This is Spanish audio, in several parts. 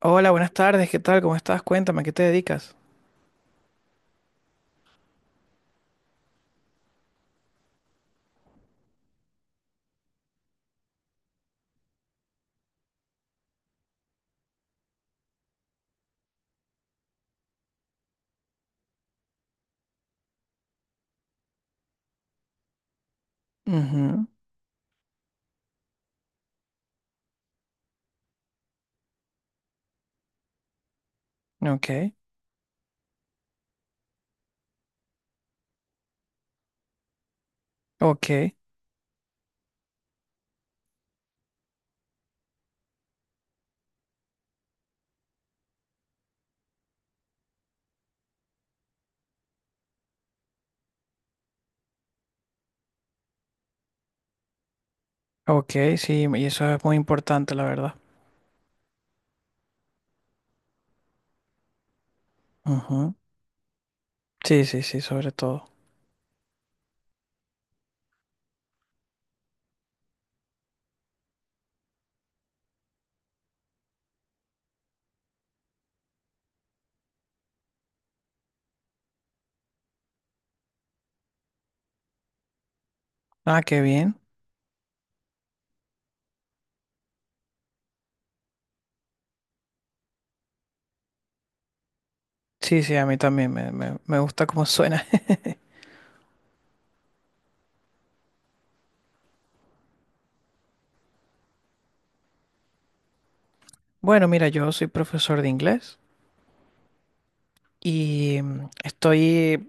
Hola, buenas tardes, ¿qué tal? ¿Cómo estás? Cuéntame, ¿a qué te dedicas? Ujú. Ok, ok, ok, sí, y eso es muy importante, la verdad. Ujú. Sí, sí, sí, sobre todo. Ah, qué bien. Sí, sí, a mí también me gusta cómo suena. Bueno, mira, yo soy profesor de inglés y mm, estoy, eh,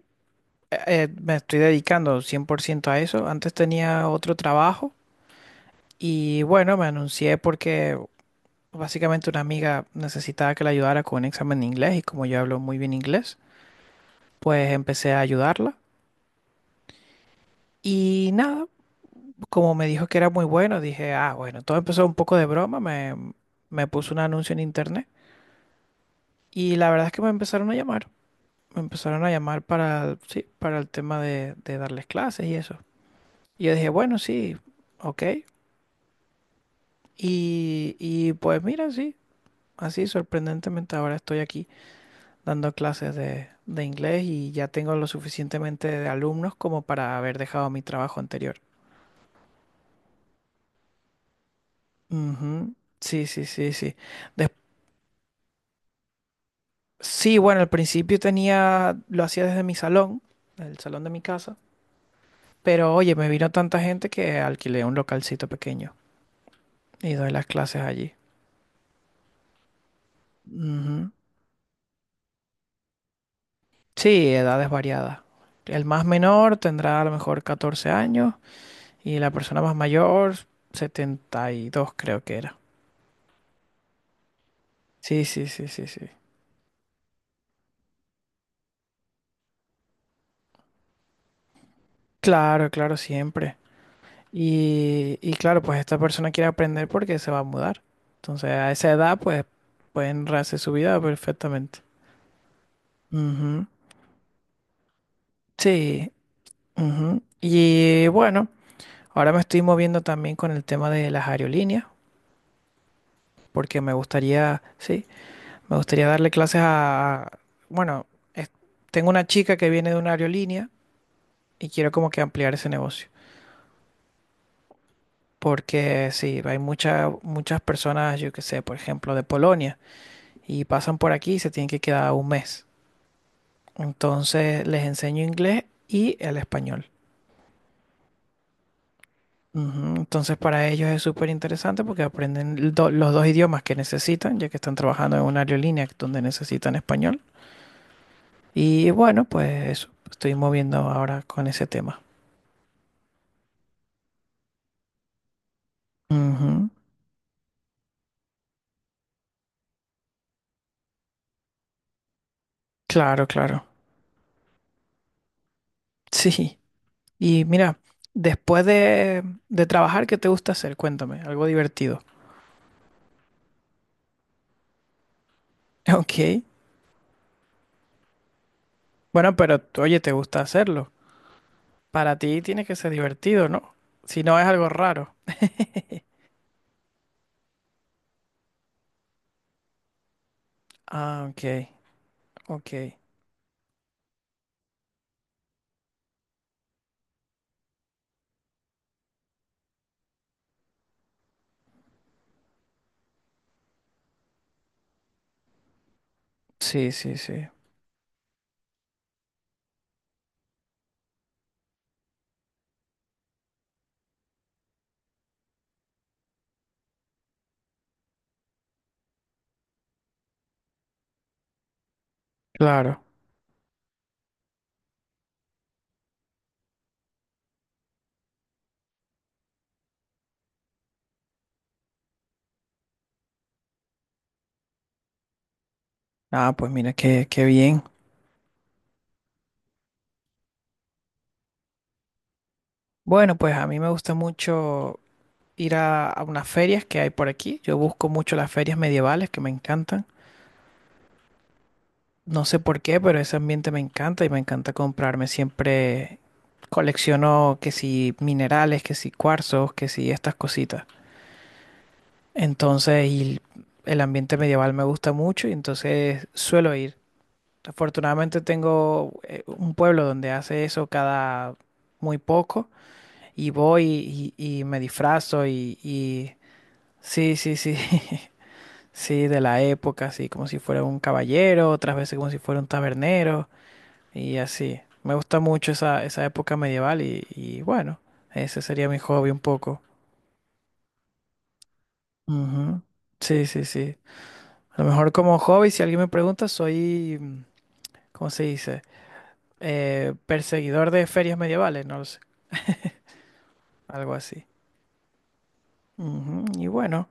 eh, me estoy dedicando 100% a eso. Antes tenía otro trabajo y bueno, me anuncié porque básicamente una amiga necesitaba que la ayudara con un examen de inglés y como yo hablo muy bien inglés, pues empecé a ayudarla. Y nada, como me dijo que era muy bueno, dije, ah, bueno, todo empezó un poco de broma. Me puso un anuncio en internet y la verdad es que me empezaron a llamar, me empezaron a llamar para, sí, para el tema de darles clases y eso. Y yo dije, bueno, sí, ok. Y pues mira, sí, así sorprendentemente ahora estoy aquí dando clases de inglés y ya tengo lo suficientemente de alumnos como para haber dejado mi trabajo anterior. Ujú. Sí, sí, sí, sí. Des- sí, bueno, al principio tenía, lo hacía desde mi salón, el salón de mi casa, pero oye, me vino tanta gente que alquilé un localcito pequeño y doy las clases allí. Ujú. Sí, edades variadas. El más menor tendrá a lo mejor 14 años y la persona más mayor 72 creo que era. Sí, sí, sí, sí, sí. Claro, claro, siempre. Y claro, pues esta persona quiere aprender porque se va a mudar. Entonces, a esa edad, pues pueden rehacer su vida perfectamente. Ujú. Sí. Ujú. Y bueno, ahora me estoy moviendo también con el tema de las aerolíneas, porque me gustaría, sí, me gustaría darle clases a, bueno, es- tengo una chica que viene de una aerolínea y quiero como que ampliar ese negocio. Porque sí, hay muchas muchas personas, yo que sé, por ejemplo, de Polonia y pasan por aquí y se tienen que quedar un mes. Entonces les enseño inglés y el español. Ujú. Entonces para ellos es súper interesante porque aprenden el los dos idiomas que necesitan, ya que están trabajando en una aerolínea donde necesitan español. Y bueno, pues eso, estoy moviendo ahora con ese tema. Ujú. Claro, claro. Sí. Y mira, después de, de trabajar, ¿qué te gusta hacer? Cuéntame, algo divertido. Ok. Bueno, pero oye, ¿te gusta hacerlo? Para ti tiene que ser divertido, ¿no? Si no es algo raro. Ah, ok, ok. Sí, sí, sí. Claro. Ah, pues mira, qué, qué bien. Bueno, pues a mí me gusta mucho ir a unas ferias que hay por aquí. Yo busco mucho las ferias medievales que me encantan. No sé por qué, pero ese ambiente me encanta y me encanta comprarme siempre. Colecciono que si minerales, que si cuarzos, que si estas cositas. Entonces, y el ambiente medieval me gusta mucho y entonces suelo ir. Afortunadamente tengo un pueblo donde hace eso cada muy poco y voy y me disfrazo sí, sí, sí, sí, de la época, así como si fuera un caballero, otras veces como si fuera un tabernero y así. Me gusta mucho esa, esa época medieval y bueno, ese sería mi hobby un poco. Ujú. Sí, sí, sí. A lo mejor como hobby, si alguien me pregunta, ¿cómo se dice? Perseguidor de ferias medievales, no lo sé. Algo así. Ujú. Y bueno,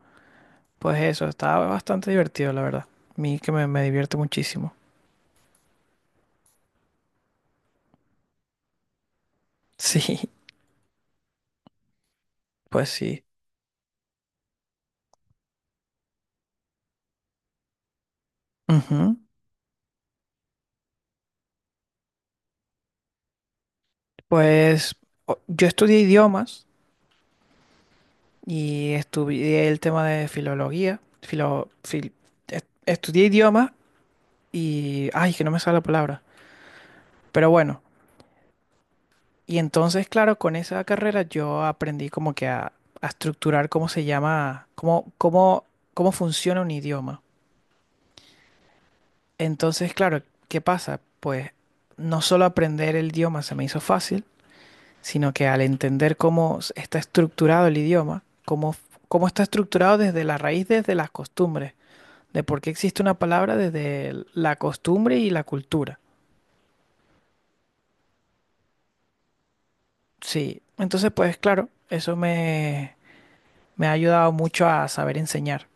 pues eso, está bastante divertido, la verdad. A mí que me divierte muchísimo. Sí, pues sí. Ujú. Pues yo estudié idiomas y estudié el tema de filología. Estudié idiomas y... Ay, que no me sale la palabra. Pero bueno, y entonces, claro, con esa carrera yo aprendí como que a estructurar cómo se llama, cómo funciona un idioma. Entonces, claro, ¿qué pasa? Pues no solo aprender el idioma se me hizo fácil, sino que al entender está estructurado el idioma, cómo está estructurado desde la raíz, desde las costumbres, de por qué existe una palabra desde la costumbre y la cultura. Sí, entonces, pues claro, me ha ayudado mucho a saber enseñar.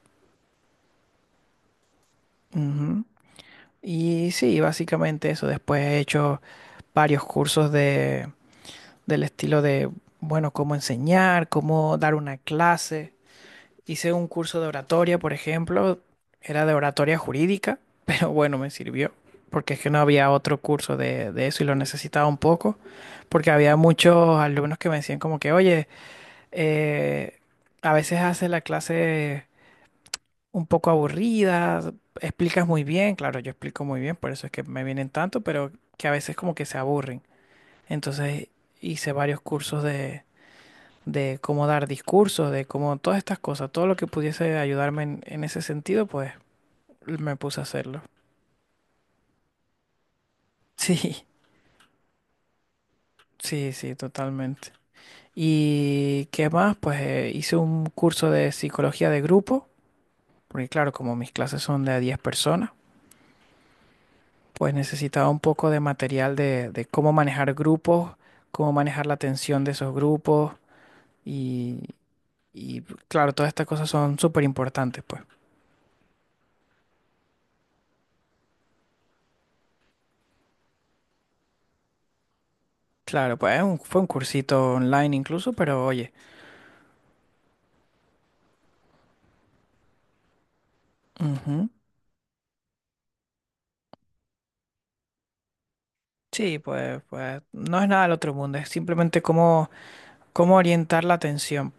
Ujú. Y sí, básicamente eso. Después he hecho varios cursos del estilo de, bueno, cómo enseñar, cómo dar una clase. Hice un curso de oratoria, por ejemplo, era de oratoria jurídica, pero bueno, me sirvió, porque es que no había otro curso de eso y lo necesitaba un poco, porque había muchos alumnos que me decían como que, oye, eh, a veces haces la clase un poco aburrida, explicas muy bien, claro, yo explico muy bien, por eso es que me vienen tanto, pero que a veces como que se aburren. Entonces hice varios cursos de cómo dar discursos, de cómo todas estas cosas, todo lo que pudiese ayudarme en ese sentido, pues me puse a hacerlo. Sí, sí, sí, totalmente. ¿Y qué más? Pues hice un curso de psicología de grupo, porque claro, como mis clases son de a 10 personas, pues necesitaba un poco de material de cómo manejar grupos, cómo manejar la tensión de esos grupos y, y, claro, todas estas cosas son súper importantes, pues. Claro, pues es fue un cursito online incluso, pero oye, ujú. Sí, pues, pues no es nada del otro mundo, es simplemente cómo, cómo orientar la atención.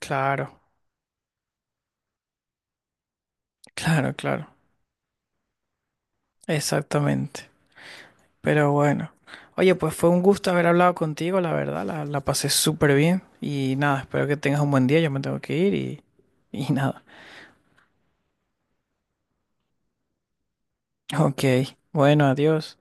Claro, claro, claro, exactamente. Pero bueno, oye, pues fue un gusto haber hablado contigo, la verdad, la pasé súper bien y nada, espero que tengas un buen día, yo me tengo que ir y nada. Ok, bueno, adiós.